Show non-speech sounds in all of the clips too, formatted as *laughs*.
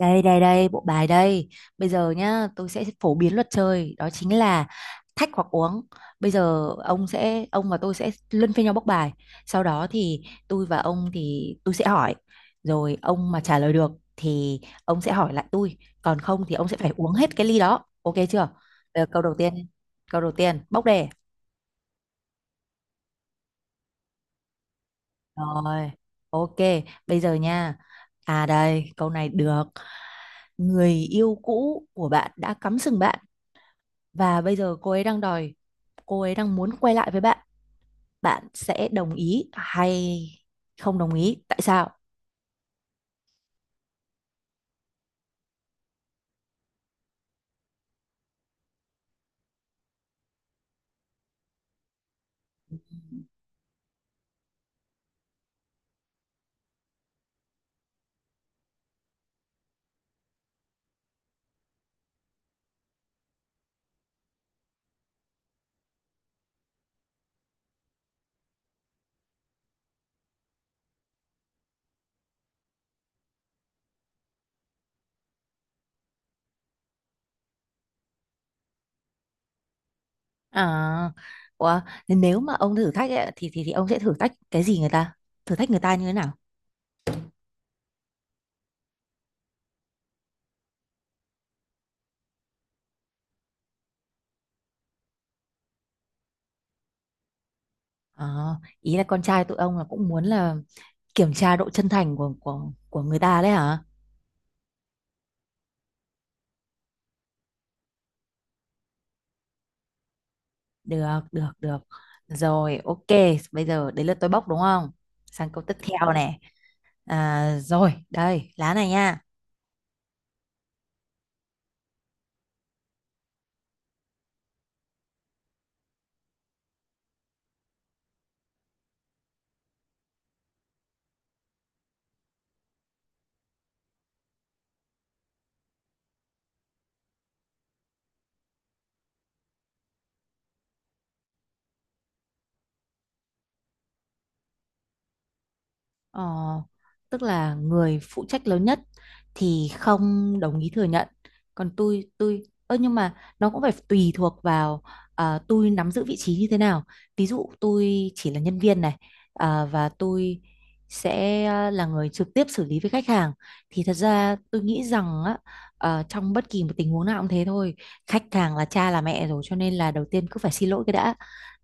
Đây đây đây, bộ bài đây. Bây giờ nhá, tôi sẽ phổ biến luật chơi, đó chính là thách hoặc uống. Bây giờ ông và tôi sẽ luân phiên nhau bốc bài. Sau đó thì tôi và ông thì tôi sẽ hỏi. Rồi ông mà trả lời được thì ông sẽ hỏi lại tôi, còn không thì ông sẽ phải uống hết cái ly đó. Ok chưa? Bây giờ câu đầu tiên. Câu đầu tiên, bốc đề. Rồi, ok, bây giờ nha. À đây, câu này được. Người yêu cũ của bạn đã cắm sừng bạn và bây giờ cô ấy đang muốn quay lại với bạn, bạn sẽ đồng ý hay không đồng ý, tại sao? À ủa, nếu mà ông thử thách ấy, thì ông sẽ thử thách cái gì người ta, thử thách người ta như thế nào? À, ý là con trai tụi ông là cũng muốn là kiểm tra độ chân thành của người ta đấy hả? Được được được, rồi ok, bây giờ đến lượt tôi bốc đúng không, sang câu tiếp theo này. À, rồi đây lá này nha. Ờ, Tức là người phụ trách lớn nhất thì không đồng ý thừa nhận, còn tôi ơ nhưng mà nó cũng phải tùy thuộc vào à, tôi nắm giữ vị trí như thế nào. Ví dụ tôi chỉ là nhân viên này, à, và tôi sẽ à, là người trực tiếp xử lý với khách hàng thì thật ra tôi nghĩ rằng á, trong bất kỳ một tình huống nào cũng thế thôi, khách hàng là cha là mẹ rồi cho nên là đầu tiên cứ phải xin lỗi cái đã.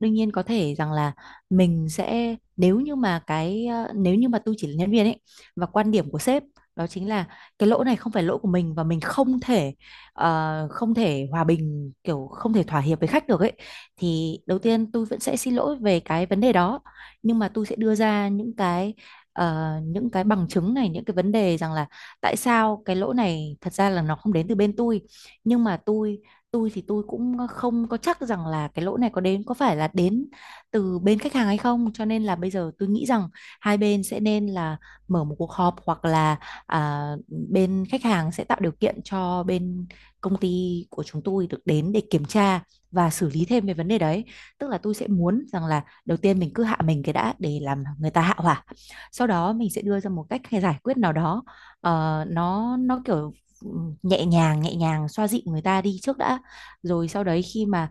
Đương nhiên có thể rằng là mình sẽ nếu như mà cái nếu như mà tôi chỉ là nhân viên ấy và quan điểm của sếp đó chính là cái lỗi này không phải lỗi của mình và mình không thể không thể hòa bình kiểu không thể thỏa hiệp với khách được ấy, thì đầu tiên tôi vẫn sẽ xin lỗi về cái vấn đề đó, nhưng mà tôi sẽ đưa ra những cái bằng chứng này, những cái vấn đề rằng là tại sao cái lỗi này thật ra là nó không đến từ bên tôi, nhưng mà tôi thì tôi cũng không có chắc rằng là cái lỗi này có đến có phải là đến từ bên khách hàng hay không, cho nên là bây giờ tôi nghĩ rằng hai bên sẽ nên là mở một cuộc họp hoặc là à, bên khách hàng sẽ tạo điều kiện cho bên công ty của chúng tôi được đến để kiểm tra và xử lý thêm về vấn đề đấy. Tức là tôi sẽ muốn rằng là đầu tiên mình cứ hạ mình cái đã để làm người ta hạ hỏa, sau đó mình sẽ đưa ra một cách hay giải quyết nào đó, nó kiểu ừ, nhẹ nhàng xoa dịu người ta đi trước đã, rồi sau đấy khi mà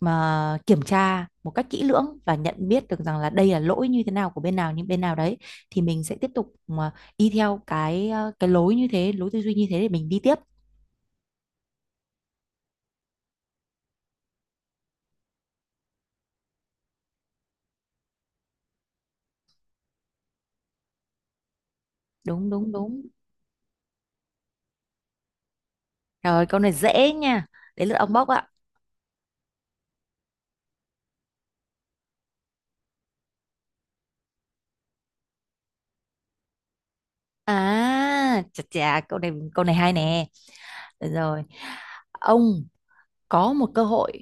mà kiểm tra một cách kỹ lưỡng và nhận biết được rằng là đây là lỗi như thế nào của bên nào, những bên nào đấy thì mình sẽ tiếp tục mà đi theo cái lối tư duy như thế để mình đi tiếp. Đúng đúng đúng, rồi câu này dễ nha, đến lượt ông bóc ạ. À chà chà, câu này hay nè. Được rồi, ông có một cơ hội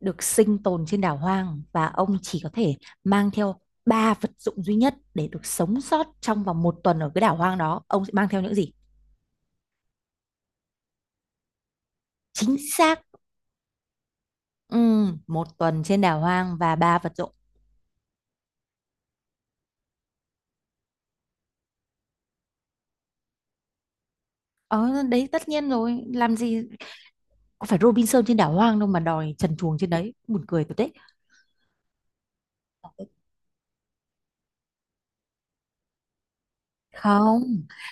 được sinh tồn trên đảo hoang và ông chỉ có thể mang theo ba vật dụng duy nhất để được sống sót trong vòng một tuần ở cái đảo hoang đó, ông sẽ mang theo những gì? Chính xác. Một tuần trên đảo hoang và ba vật dụng. Ờ đấy tất nhiên rồi, làm gì có phải Robinson trên đảo hoang đâu mà đòi trần truồng trên đấy, buồn cười thật đấy. Không,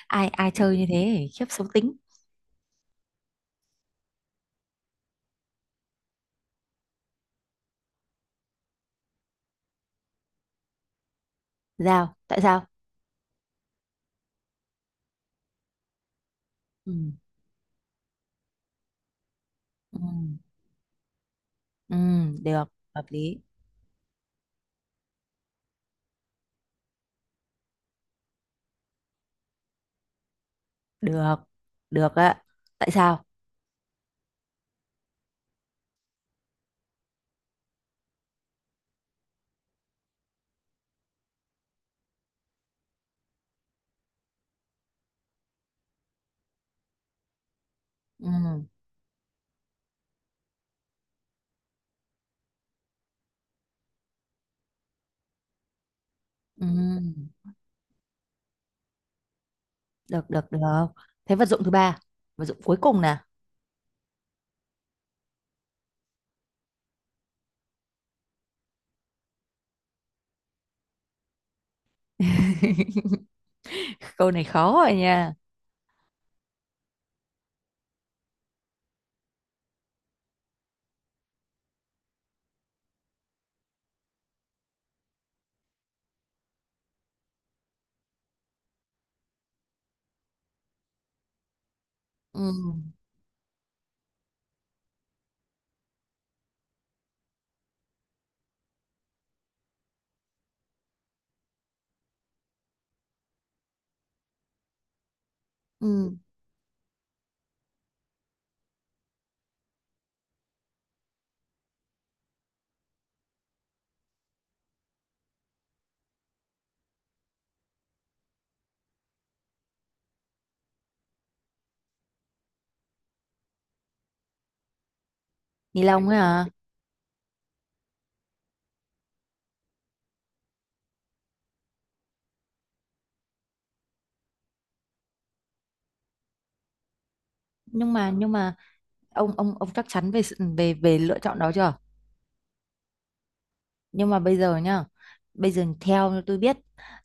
ai ai chơi như thế, khiếp xấu tính. Tại sao? Ừ ừ ừ, được, hợp lý. Được được ạ, tại sao? Ừ ừ, được được được, thế vật dụng thứ ba, vật dụng cuối cùng nè. *laughs* Câu này khó rồi nha. Ừ ừ, ni lông ấy à? Nhưng mà ông chắc chắn về về về lựa chọn đó chưa? Nhưng mà bây giờ nhá, bây giờ theo như tôi biết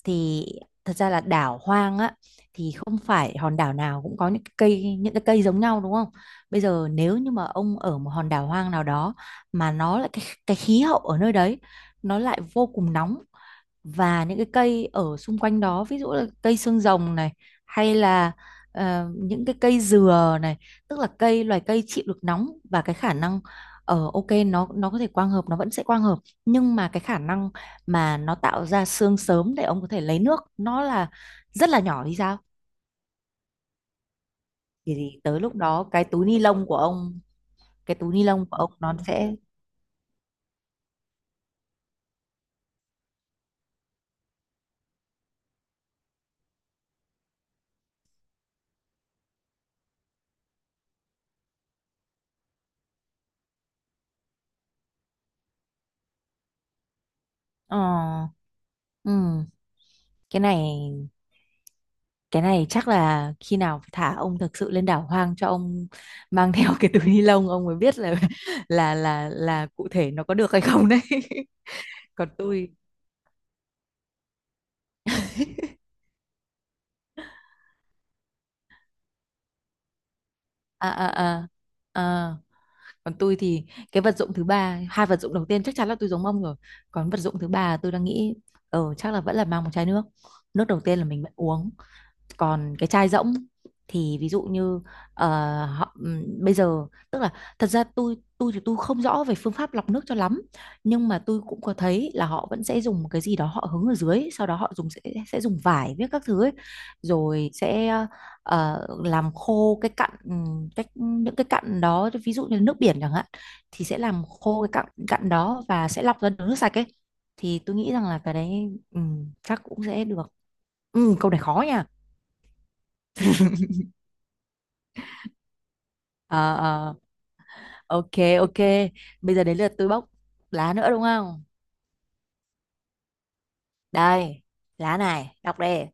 thì thật ra là đảo hoang á, thì không phải hòn đảo nào cũng có những cái cây giống nhau đúng không? Bây giờ nếu như mà ông ở một hòn đảo hoang nào đó mà nó lại cái khí hậu ở nơi đấy nó lại vô cùng nóng, và những cái cây ở xung quanh đó ví dụ là cây xương rồng này, hay là những cái cây dừa này, tức là loài cây chịu được nóng, và cái khả năng ở ok nó có thể quang hợp, nó vẫn sẽ quang hợp, nhưng mà cái khả năng mà nó tạo ra xương sớm để ông có thể lấy nước nó là rất là nhỏ thì sao? Thì tới lúc đó cái túi ni lông của ông, cái túi ni lông của ông nó sẽ ờ, ừ, cái này. Cái này chắc là khi nào phải thả ông thực sự lên đảo hoang cho ông mang *laughs* theo cái túi ni lông ông mới biết là *laughs* là cụ thể nó có được hay không đấy. *laughs* Còn tôi, à à à à, còn tôi thì cái vật dụng thứ ba, hai vật dụng đầu tiên chắc chắn là tôi giống ông rồi. Còn vật dụng thứ ba tôi đang nghĩ chắc là vẫn là mang một chai nước. Nước đầu tiên là mình vẫn uống, còn cái chai rỗng thì ví dụ như ờ, bây giờ tức là thật ra tôi thì tôi không rõ về phương pháp lọc nước cho lắm, nhưng mà tôi cũng có thấy là họ vẫn sẽ dùng một cái gì đó họ hứng ở dưới, sau đó họ dùng sẽ dùng vải với các thứ ấy, rồi sẽ làm khô cái cặn những cái cặn đó ví dụ như nước biển chẳng hạn, thì sẽ làm khô cái cặn cặn đó và sẽ lọc ra được nước sạch ấy, thì tôi nghĩ rằng là cái đấy chắc cũng sẽ được. Câu này khó nha. Ờ, ờ. Ok, ok, bây giờ đến lượt tôi bóc lá nữa đúng không, đây lá này đọc đi.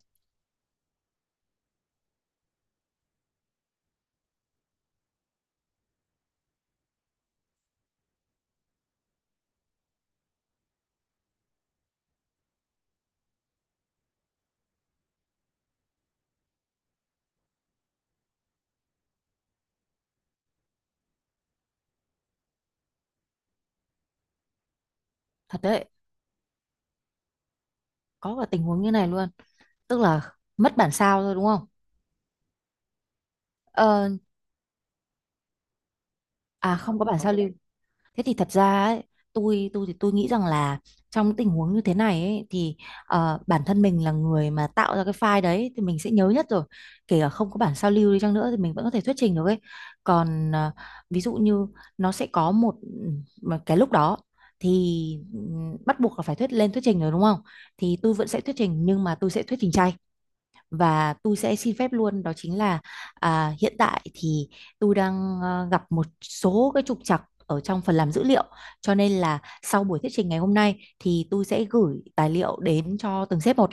Thật đấy, có cả tình huống như này luôn, tức là mất bản sao thôi đúng không? ờ, À không có bản sao lưu. Thế thì thật ra ấy, tôi thì tôi nghĩ rằng là trong những tình huống như thế này ấy, thì bản thân mình là người mà tạo ra cái file đấy thì mình sẽ nhớ nhất rồi. Kể cả không có bản sao lưu đi chăng nữa thì mình vẫn có thể thuyết trình được ấy. Còn ví dụ như nó sẽ có một một cái lúc đó thì ừ, bắt buộc là phải thuyết trình rồi đúng không? Thì tôi vẫn sẽ thuyết trình, nhưng mà tôi sẽ thuyết trình chay và tôi sẽ xin phép luôn, đó chính là à, hiện tại thì tôi đang gặp một số cái trục trặc ở trong phần làm dữ liệu, cho nên là sau buổi thuyết trình ngày hôm nay thì tôi sẽ gửi tài liệu đến cho từng sếp một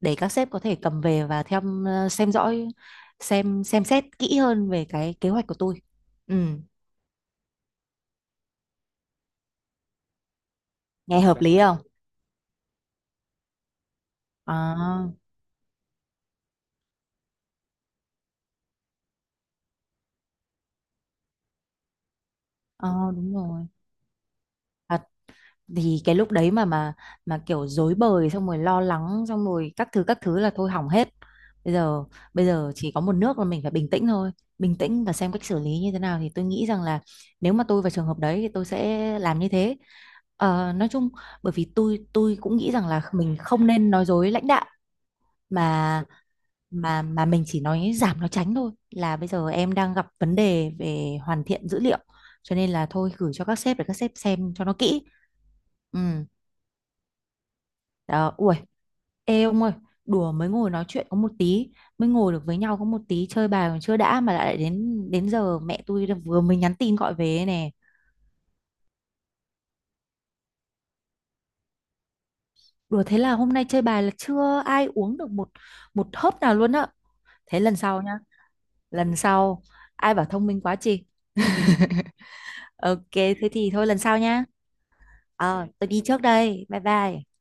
để các sếp có thể cầm về và theo dõi, xem xét kỹ hơn về cái kế hoạch của tôi. ừ, Nghe hợp lý không? à, à đúng rồi. À, thì cái lúc đấy mà kiểu rối bời xong rồi lo lắng xong rồi các thứ là thôi hỏng hết. bây giờ Bây giờ chỉ có một nước là mình phải bình tĩnh thôi, bình tĩnh và xem cách xử lý như thế nào, thì tôi nghĩ rằng là nếu mà tôi vào trường hợp đấy thì tôi sẽ làm như thế. Ờ, nói chung bởi vì tôi cũng nghĩ rằng là mình không nên nói dối lãnh đạo, mà mình chỉ nói giảm nói tránh thôi, là bây giờ em đang gặp vấn đề về hoàn thiện dữ liệu, cho nên là thôi gửi cho các sếp để các sếp xem cho nó kỹ. Ừ đó, ui, ê ông ơi, đùa mới ngồi nói chuyện có một tí, mới ngồi được với nhau có một tí, chơi bài còn chưa đã mà lại đến đến giờ mẹ tôi đã vừa mới nhắn tin gọi về ấy nè. Đùa thế là hôm nay chơi bài là chưa ai uống được một một hớp nào luôn á. Thế lần sau nhá, lần sau ai bảo thông minh quá chị. Ok, thế thì thôi lần sau nhá. Tôi đi trước đây. Bye bye.